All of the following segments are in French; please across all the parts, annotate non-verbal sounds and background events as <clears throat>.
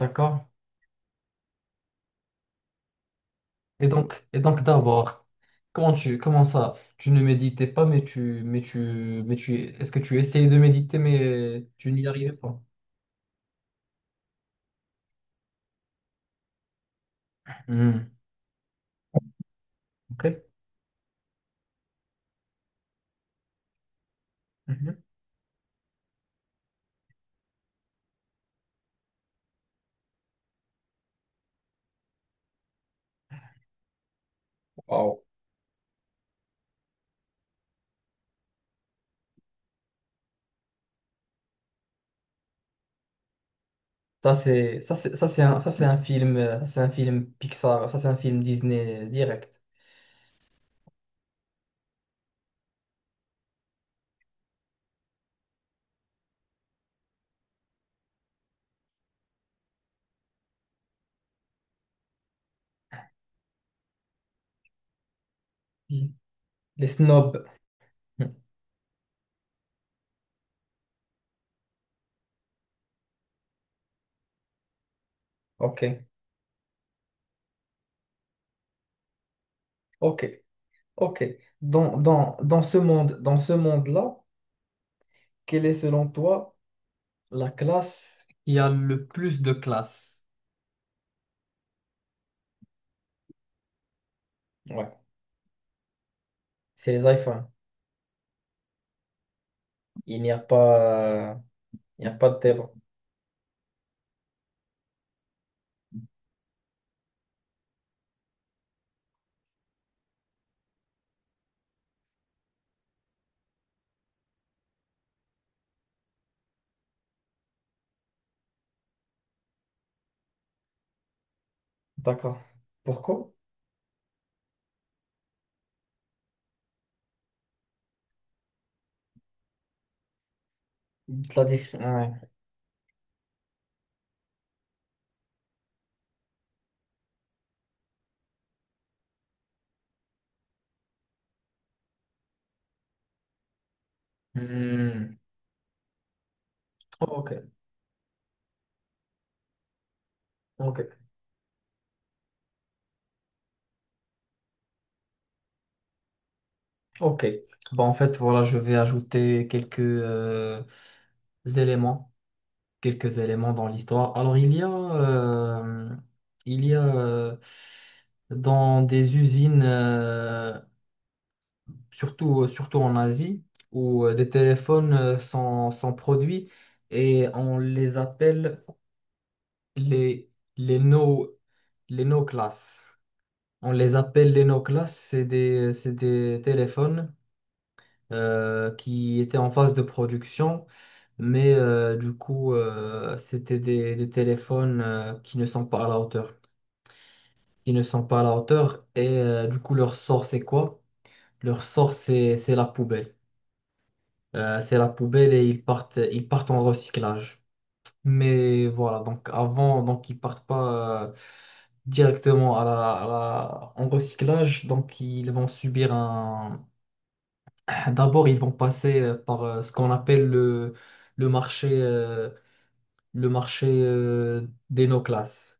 D'accord. Et donc d'abord, comment ça, tu ne méditais pas, est-ce que tu essayais de méditer, mais tu n'y arrivais pas? Hmm. Ok. Mhm. Wow. Ça c'est un film Pixar, ça c'est un film Disney direct. Hmm. Les snobs. Hmm. Ok. Ok. Ok. Dans ce monde-là, quelle est selon toi la classe qui a le plus de classe? Ouais. C'est les iPhones. Il n'y a pas, euh, il n'y a pas de débat. D'accord. Pourquoi? Ouais. Hmm. Ok, ok, ok. Bah, en fait, voilà, je vais ajouter éléments, quelques éléments dans l'histoire. Alors, il y a dans des usines, surtout en Asie, où des téléphones sont produits et on les appelle les, les no, les no class. On les appelle les no class. C'est des téléphones qui étaient en phase de production, mais du coup, c'était des téléphones qui ne sont pas à la hauteur. Qui ne sont pas à la hauteur, et du coup, leur sort, c'est quoi? Leur sort, c'est la poubelle. C'est la poubelle et ils partent en recyclage. Mais voilà, donc avant, donc ils partent pas directement en recyclage, donc ils vont subir un... <clears throat> D'abord, ils vont passer par ce qu'on appelle le marché, euh, le marché des no-classes.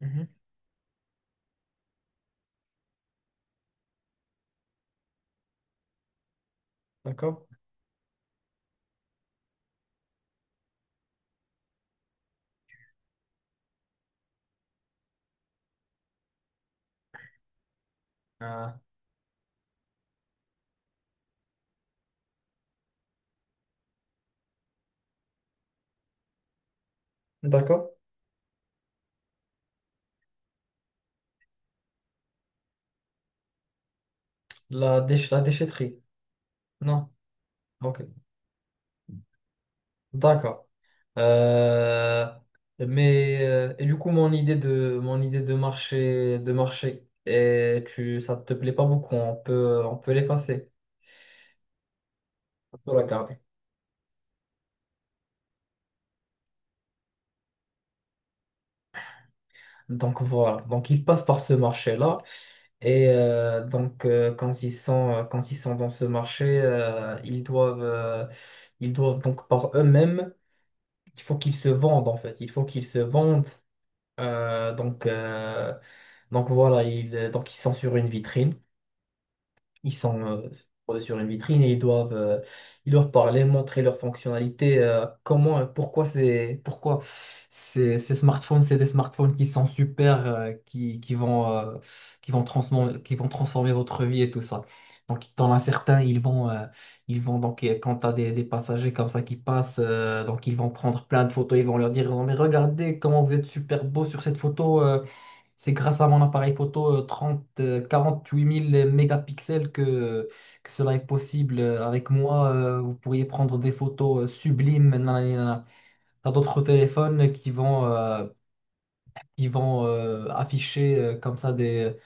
Mhm. D'accord. Euh, D'accord. La déchetterie. Non. Ok. D'accord. Euh, mais et du coup, mon idée de marché et tu ça te plaît pas beaucoup, on peut l'effacer, on peut la garder. Donc voilà. Donc ils passent par ce marché-là et donc quand ils sont dans ce marché, ils doivent donc par eux-mêmes, il faut qu'ils se vendent en fait, il faut qu'ils se vendent. Euh, donc euh, donc voilà, ils donc ils sont sur une vitrine. Ils sont posés sur une vitrine et ils doivent parler, montrer leurs fonctionnalités, pourquoi ces smartphones, c'est des smartphones qui sont super, qui vont transformer votre vie et tout ça. Donc, dans as certains, ils vont donc, quand tu as des passagers comme ça qui passent, donc ils vont prendre plein de photos, ils vont leur dire, non, mais regardez comment vous êtes super beau sur cette photo, c'est grâce à mon appareil photo 30, 48 000 mégapixels que cela est possible. Avec moi, vous pourriez prendre des photos sublimes. Nanana, nanana. T'as d'autres téléphones qui vont afficher comme ça des,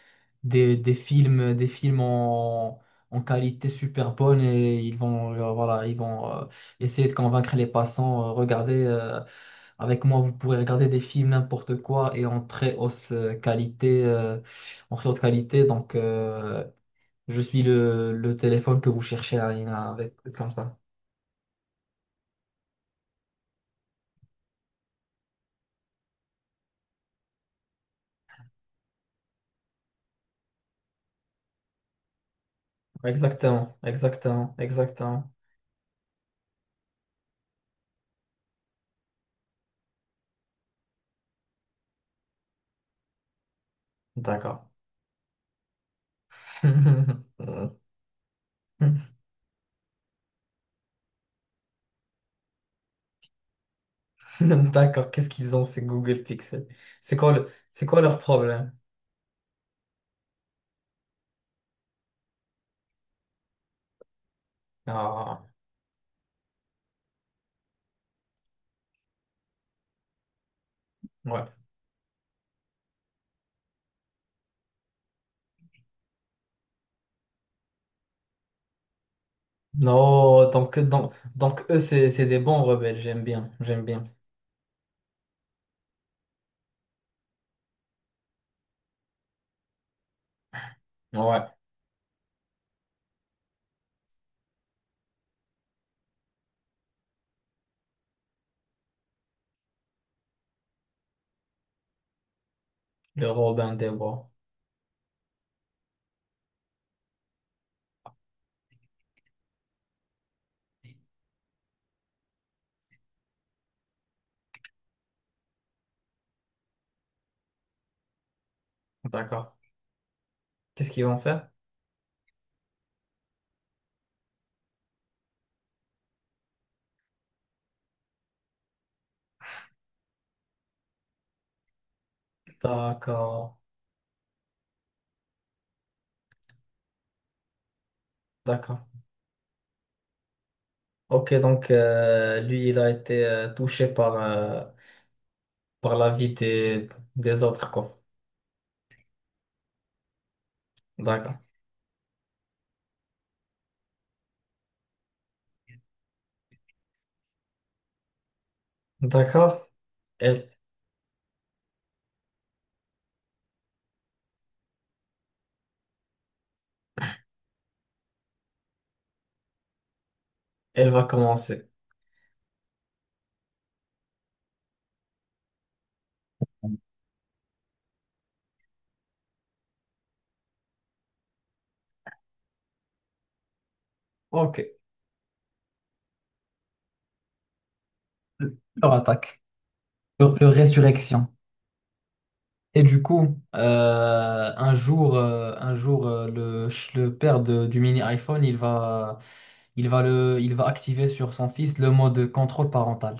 des, des films, des films en qualité super bonne et voilà, ils vont essayer de convaincre les passants. Regardez, avec moi, vous pourrez regarder des films n'importe quoi et en très haute qualité. En très haute qualité. Donc, je suis le téléphone que vous cherchez, Alina, avec comme ça. Exactement, exactement, exactement. D'accord. <laughs> D'accord, qu'est-ce qu'ils ont, ces Google Pixel? C'est quoi leur problème? Ah, ouais. Non, donc eux, c'est des bons rebelles, j'aime bien, j'aime bien. Ouais, le Robin des Bois. D'accord. Qu'est-ce qu'ils vont faire? D'accord, d'accord. Ok, donc lui, il a été touché par, par la vie des autres, quoi. D'accord. D'accord. Elle, elle va commencer. Ok. Leur attaque, leur résurrection. Et du coup, un jour, le père du mini iPhone, il va activer sur son fils le mode contrôle parental.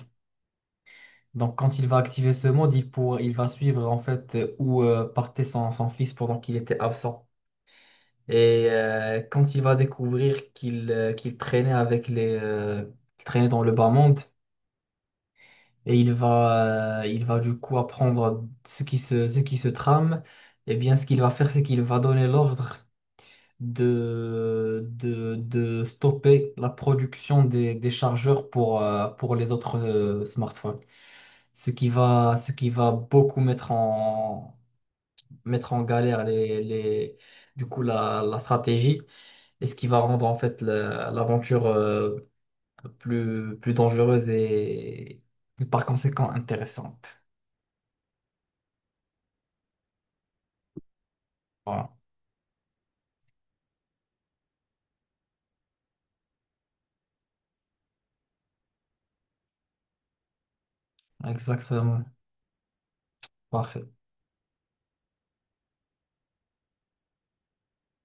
Donc, quand il va activer ce mode, il va suivre en fait où partait son fils pendant qu'il était absent. Et quand il va découvrir qu'il traînait qu'il traînait dans le bas monde, et il va du coup apprendre ce qui se trame, et bien ce qu'il va faire, c'est qu'il va donner l'ordre de stopper la production des chargeurs pour les autres smartphones. Ce qui va beaucoup mettre en galère du coup, la stratégie et ce qui va rendre en fait l'aventure plus dangereuse et par conséquent intéressante. Voilà, exactement. Parfait.